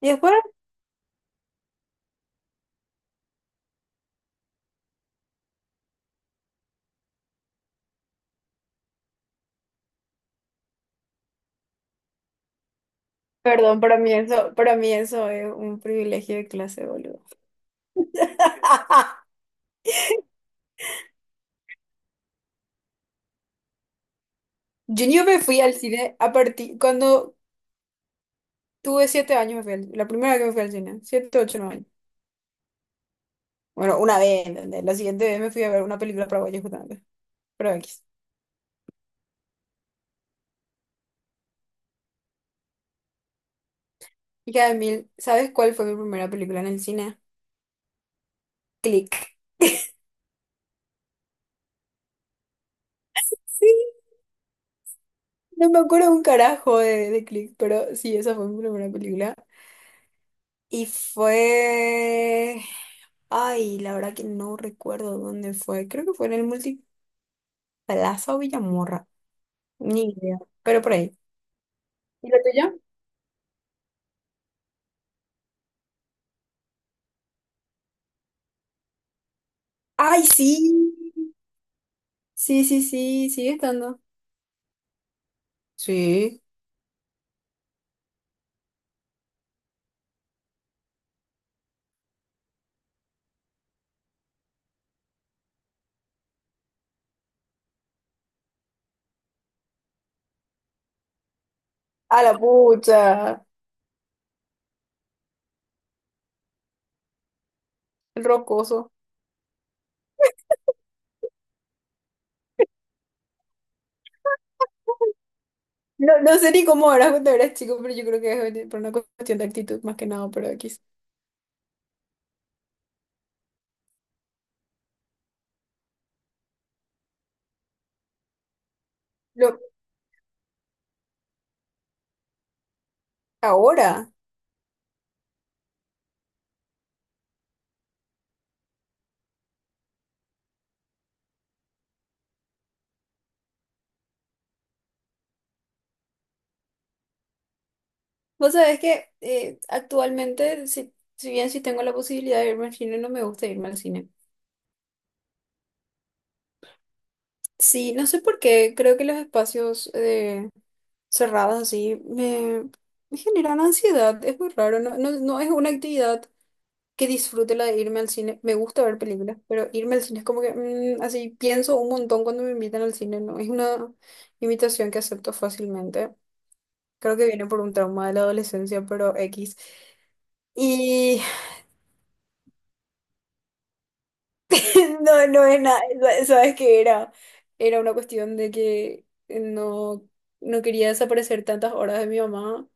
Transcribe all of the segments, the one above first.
Y es por- Perdón, para mí eso es un privilegio de clase, boludo. Yo me fui al cine cuando tuve 7 años me la primera vez que me fui al cine, 7, 8, 9 años. Bueno, una vez, ¿entendés? La siguiente vez me fui a ver una película paraguaya justamente, pero X. Y cada mil, ¿sabes cuál fue mi primera película en el cine? Click. Sí, no me acuerdo un carajo de Click, pero sí, esa fue mi primera película. Y fue... Ay, la verdad que no recuerdo dónde fue. Creo que fue en el Multiplaza o Villamorra. Ni idea. Pero por ahí. ¿Y lo tuyo? ¡Ay, sí! Sí, sí, sí. Sigue estando. Sí. A la pucha. El rocoso. No, no sé ni cómo eras cuando eras chico, pero yo creo que es por una cuestión de actitud más que nada, pero aquí. Lo, ahora, vos sabés que actualmente, si bien sí tengo la posibilidad de irme al cine, no me gusta irme al cine. Sí, no sé por qué, creo que los espacios cerrados así me generan ansiedad, es muy raro, no, no, no es una actividad que disfrute la de irme al cine, me gusta ver películas, pero irme al cine es como que así pienso un montón cuando me invitan al cine, no es una invitación que acepto fácilmente, creo que viene por un trauma de la adolescencia, pero X, y no, no es nada, sabes que era una cuestión de que no quería desaparecer tantas horas de mi mamá.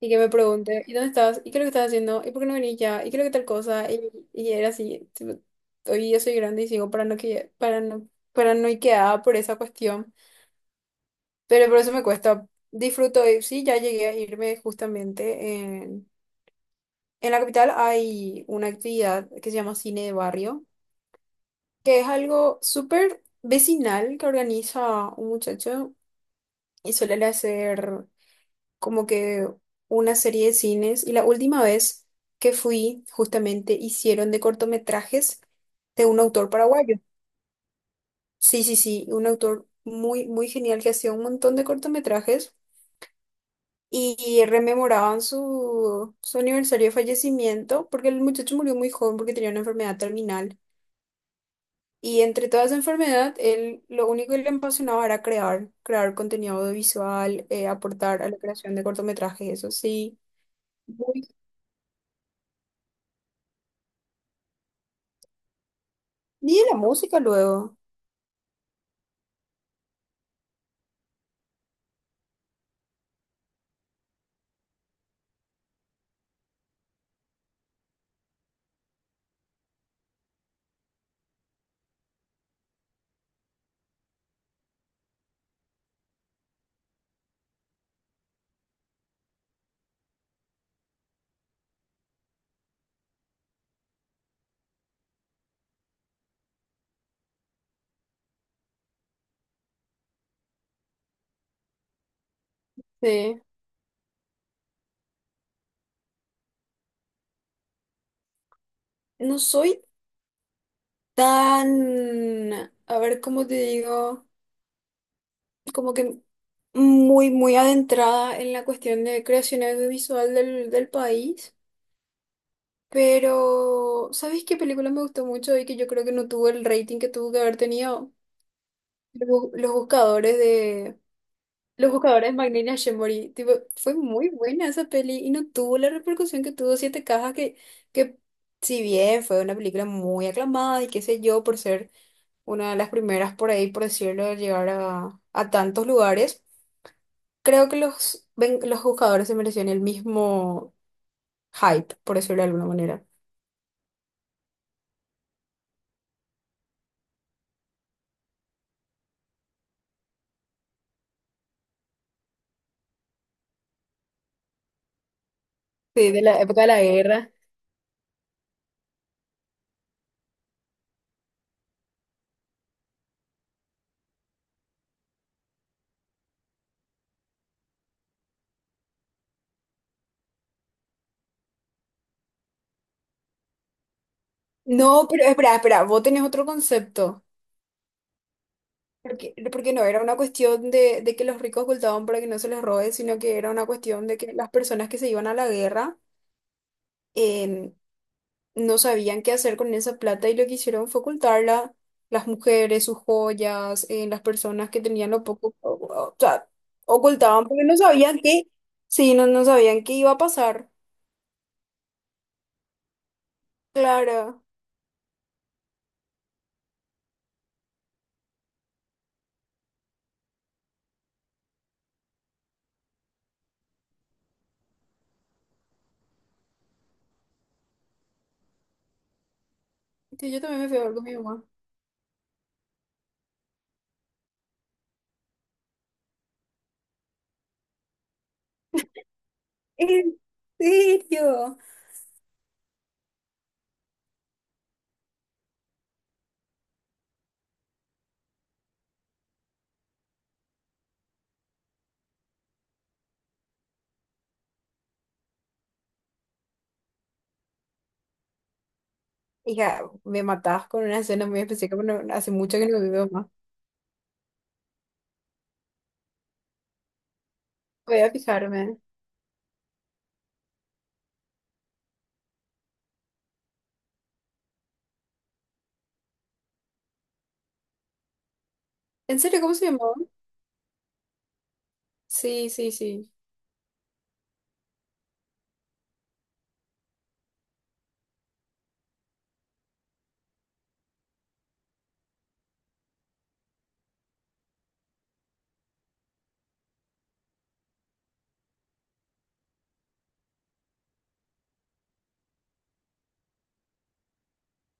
Y que me pregunte, ¿y dónde estás? ¿Y qué es lo que estás haciendo? ¿Y por qué no venís ya? ¿Y qué es lo que tal cosa? Y era así. Tipo, hoy ya soy grande y sigo paranoiqueada por esa cuestión. Pero por eso me cuesta. Disfruto, y sí, ya llegué a irme justamente. En la capital hay una actividad que se llama cine de barrio, que es algo súper vecinal que organiza un muchacho y suele hacer, como que una serie de cines, y la última vez que fui justamente hicieron de cortometrajes de un autor paraguayo. Sí, sí, sí, un autor muy, muy genial que hacía un montón de cortometrajes y rememoraban su aniversario de fallecimiento porque el muchacho murió muy joven porque tenía una enfermedad terminal. Y entre toda esa enfermedad, él lo único que le apasionaba era crear, crear contenido audiovisual, aportar a la creación de cortometrajes, eso sí. Y de la música luego. Sí. No soy tan, a ver, ¿cómo te digo? Como que muy, muy adentrada en la cuestión de creación audiovisual del país. Pero, ¿sabes qué película me gustó mucho y que yo creo que no tuvo el rating que tuvo que haber tenido? Los Buscadores. Los buscadores Magnini Shemori, tipo, fue muy buena esa peli y no tuvo la repercusión que tuvo Siete Cajas, que si bien fue una película muy aclamada y qué sé yo, por ser una de las primeras por ahí, por decirlo, de llegar a tantos lugares, creo que los buscadores se merecían el mismo hype, por decirlo de alguna manera. Sí, de la época de la guerra. No, pero espera, espera, vos tenés otro concepto. Porque, porque no era una cuestión de que los ricos ocultaban para que no se les robe, sino que era una cuestión de que las personas que se iban a la guerra em, no sabían qué hacer con esa plata y lo que hicieron fue ocultarla, las mujeres, sus joyas, las personas que tenían lo poco, o sea, ocultaban porque no sabían qué, sí, no, no sabían qué iba a pasar. Claro, sí, yo también me fui a ver con mi mamá. ¿En serio? Hija, me matás con una escena muy específica, hace mucho que no veo más. Voy a fijarme. ¿En serio? ¿Cómo se llamaba? Sí, sí, sí.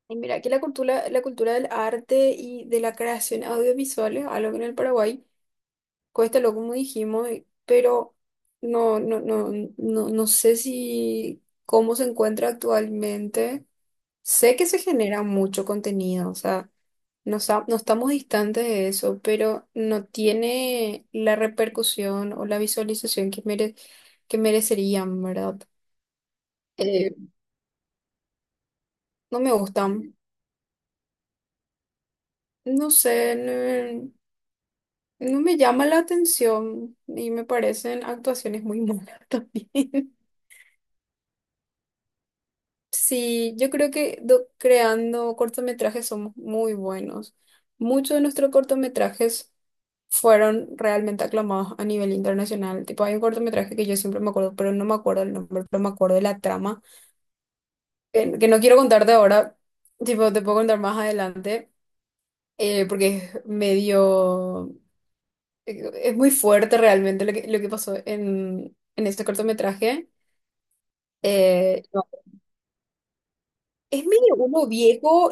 Y mira, aquí la cultura del arte y de la creación audiovisual es algo que en el Paraguay cuesta lo como dijimos, pero no, no, no, no, no sé si cómo se encuentra actualmente. Sé que se genera mucho contenido, o sea, no, no estamos distantes de eso, pero no tiene la repercusión o la visualización que que merecerían, ¿verdad? Eh, no me gustan. No sé, no, no me llama la atención y me parecen actuaciones muy malas también. Sí, yo creo que creando cortometrajes somos muy buenos. Muchos de nuestros cortometrajes fueron realmente aclamados a nivel internacional. Tipo, hay un cortometraje que yo siempre me acuerdo, pero no me acuerdo el nombre, pero me acuerdo de la trama, que no quiero contarte ahora, tipo, te puedo contar más adelante, eh, porque es medio... es muy fuerte realmente lo que pasó en este cortometraje. No, es medio uno viejo.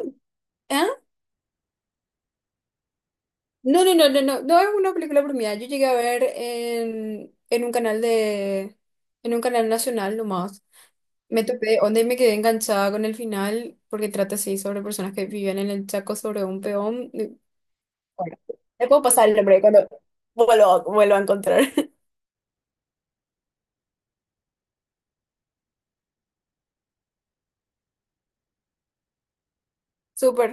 ¿Ah? No, no, no, no, no. No es una película premiada. Yo llegué a ver en un canal nacional nomás. Me topé, donde me quedé enganchada con el final, porque trata así sobre personas que viven en el Chaco sobre un peón. Y, bueno, le puedo pasar el nombre cuando vuelvo a encontrar. Súper.